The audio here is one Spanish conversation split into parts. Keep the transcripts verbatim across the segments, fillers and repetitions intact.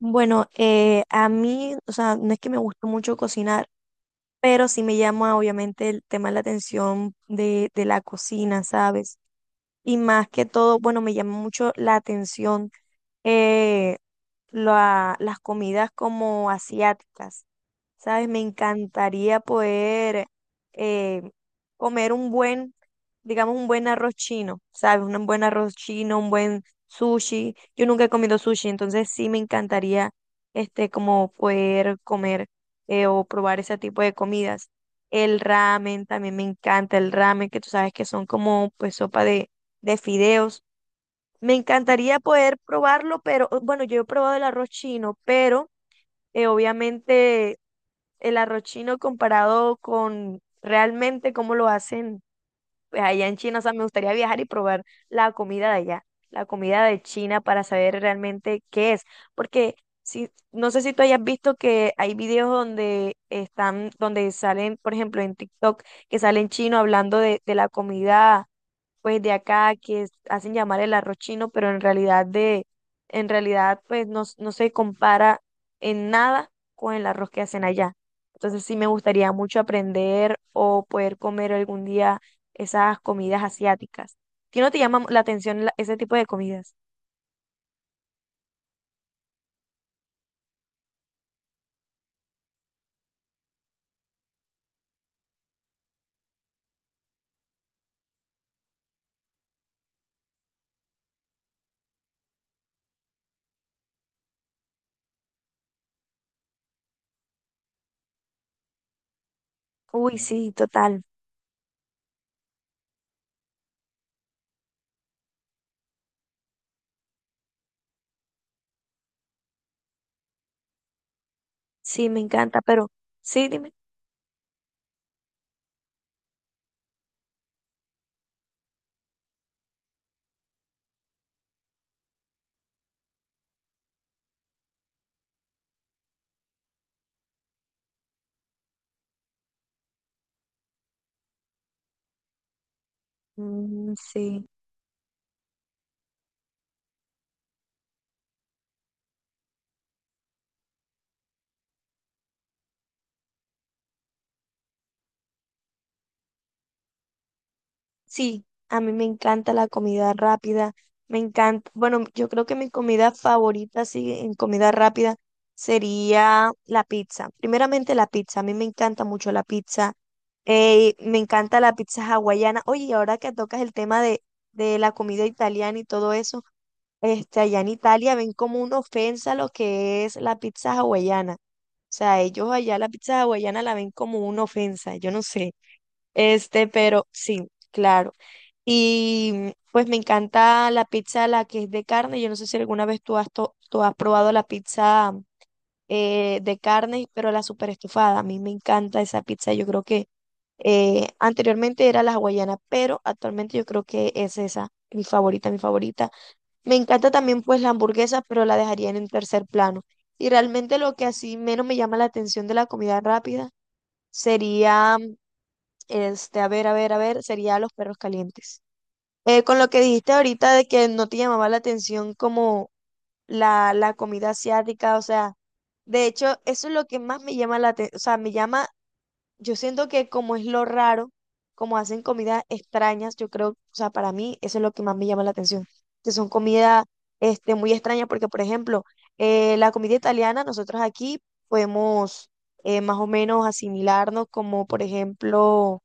Bueno, eh, a mí, o sea, no es que me guste mucho cocinar, pero sí me llama obviamente el tema de la atención de, de la cocina, ¿sabes? Y más que todo, bueno, me llama mucho la atención eh, la- las comidas como asiáticas. ¿Sabes? Me encantaría poder eh, comer un buen, digamos, un buen arroz chino, ¿sabes? Un buen arroz chino, un buen sushi. Yo nunca he comido sushi, entonces sí me encantaría este, como poder comer eh, o probar ese tipo de comidas. El ramen, también me encanta el ramen, que tú sabes que son como pues sopa de, de fideos. Me encantaría poder probarlo, pero bueno, yo he probado el arroz chino, pero eh, obviamente el arroz chino comparado con realmente cómo lo hacen pues, allá en China. O sea, me gustaría viajar y probar la comida de allá, la comida de China para saber realmente qué es. Porque si, no sé si tú hayas visto que hay videos donde están, donde salen, por ejemplo, en TikTok, que salen chino hablando de, de la comida pues de acá que es- hacen llamar el arroz chino, pero en realidad de, en realidad pues no, s- no se compara en nada con el arroz que hacen allá. Entonces sí me gustaría mucho aprender o poder comer algún día esas comidas asiáticas. ¿Ti no te llama la atención la- ese tipo de comidas? Uy, sí, total. Sí, me encanta, pero sí, dime. Mm, sí. Sí, a mí me encanta la comida rápida, me encanta, bueno, yo creo que mi comida favorita, sí, en comida rápida sería la pizza. Primeramente la pizza, a mí me encanta mucho la pizza, eh, me encanta la pizza hawaiana. Oye, y ahora que tocas el tema de, de la comida italiana y todo eso, este, allá en Italia ven como una ofensa lo que es la pizza hawaiana. O sea, ellos allá la pizza hawaiana la ven como una ofensa, yo no sé. Este, pero sí, claro. Y pues me encanta la pizza, la que es de carne. Yo no sé si alguna vez tú has, to- tú has probado la pizza eh, de carne, pero la super estufada. A mí me encanta esa pizza. Yo creo que eh, anteriormente era la hawaiana, pero actualmente yo creo que es esa, mi favorita, mi favorita. Me encanta también pues la hamburguesa, pero la dejaría en un tercer plano. Y realmente lo que así menos me llama la atención de la comida rápida sería, este, a ver, a ver, a ver, sería los perros calientes. Eh, con lo que dijiste ahorita de que no te llamaba la atención como la, la comida asiática, o sea, de hecho, eso es lo que más me llama la atención, o sea, me llama, yo siento que como es lo raro, como hacen comidas extrañas, yo creo, o sea, para mí eso es lo que más me llama la atención, que son comidas este, muy extrañas, porque por ejemplo, eh, la comida italiana, nosotros aquí podemos eh, más o menos asimilarnos como, por ejemplo,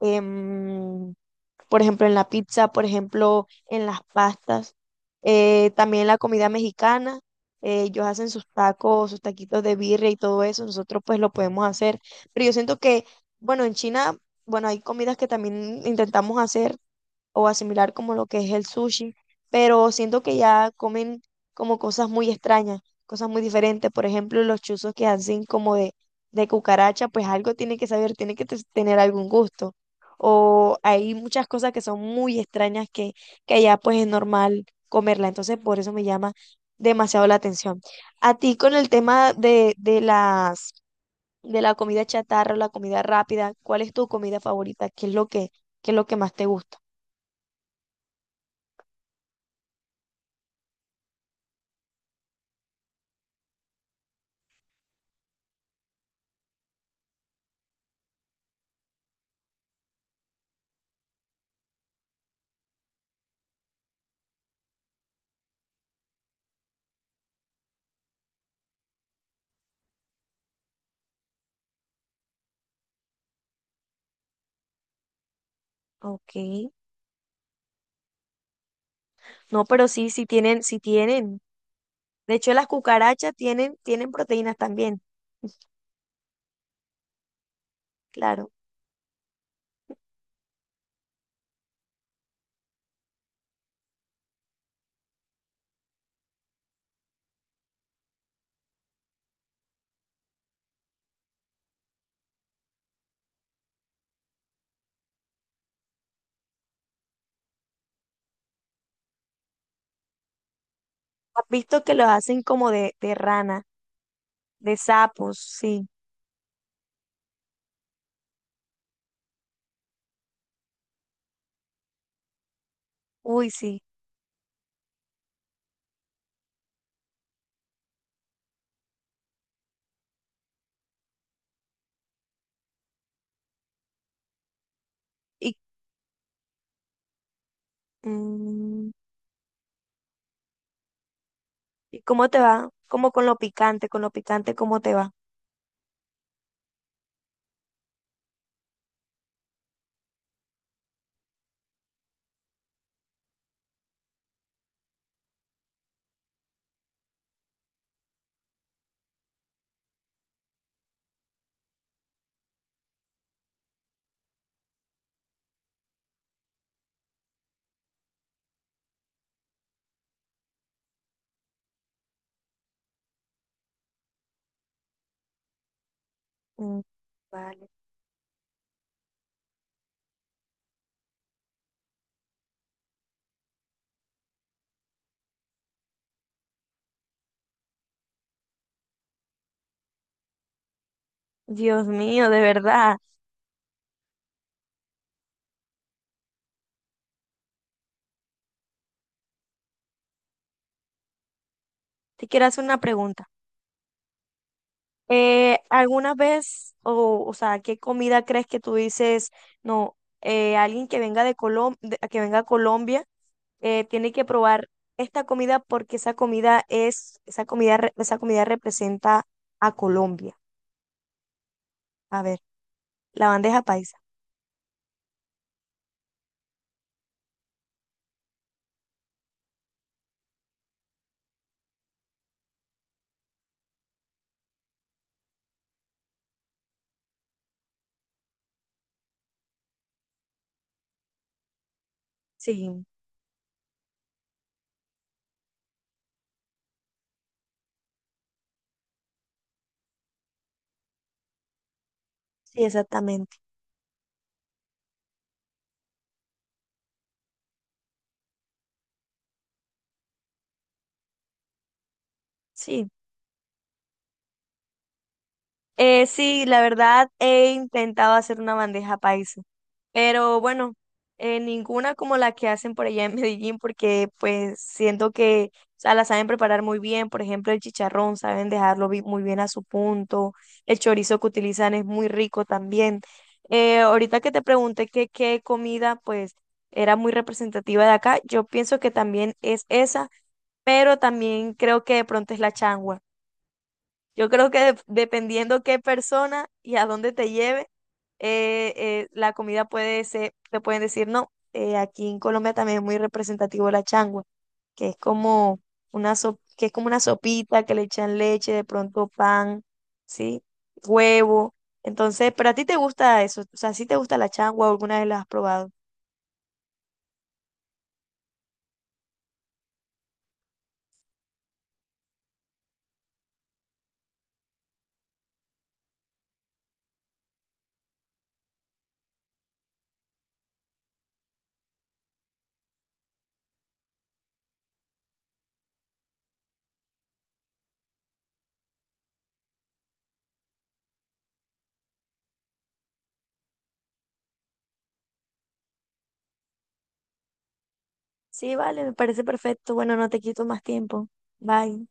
em, por ejemplo, en la pizza, por ejemplo, en las pastas, eh, también la comida mexicana. Eh, ellos hacen sus tacos, sus taquitos de birria y todo eso, nosotros pues lo podemos hacer. Pero yo siento que, bueno, en China, bueno, hay comidas que también intentamos hacer, o asimilar como lo que es el sushi, pero siento que ya comen como cosas muy extrañas, cosas muy diferentes. Por ejemplo, los chuzos que hacen como de, de cucaracha, pues algo tiene que saber, tiene que te- tener algún gusto. O hay muchas cosas que son muy extrañas que, que allá pues es normal comerla. Entonces, por eso me llama demasiado la atención. A ti con el tema de, de las de la comida chatarra, la comida rápida, ¿cuál es tu comida favorita? ¿Qué es lo que, qué es lo que más te gusta? Ok. No, pero sí, sí tienen, sí tienen. De hecho, las cucarachas tienen, tienen proteínas también, claro. Has visto que los hacen como de, de rana, de sapos, sí. Uy, sí. ¿Y, mm, ¿y cómo te va? Como con lo picante, con lo picante, ¿cómo te va? Mm, vale. Dios mío, de verdad. Te quiero hacer una pregunta. Eh, ¿alguna vez, o, o sea, qué comida crees que tú dices, no, eh, alguien que venga de Colom- de- que venga a Colombia eh, tiene que probar esta comida porque esa comida es, esa comida, re- esa comida representa a Colombia? A ver, la bandeja paisa. Sí, sí, exactamente. Sí. Eh, sí, la verdad he intentado hacer una bandeja paisa, pero bueno, eh, ninguna como la que hacen por allá en Medellín, porque pues siento que, o sea, la saben preparar muy bien. Por ejemplo, el chicharrón, saben dejarlo bi- muy bien a su punto. El chorizo que utilizan es muy rico también. Eh, ahorita que te pregunté que qué comida pues era muy representativa de acá, yo pienso que también es esa, pero también creo que de pronto es la changua. Yo creo que dep- dependiendo qué persona y a dónde te lleve, eh, eh, la comida puede ser, te pueden decir no. Eh, aquí en Colombia también es muy representativo la changua, que es como una sop- que es como una sopita que le echan leche, de pronto pan, ¿sí? Huevo. Entonces, pero a ti te gusta eso, o sea, si te gusta la changua, o alguna vez la has probado. Sí, vale, me parece perfecto. Bueno, no te quito más tiempo. Bye.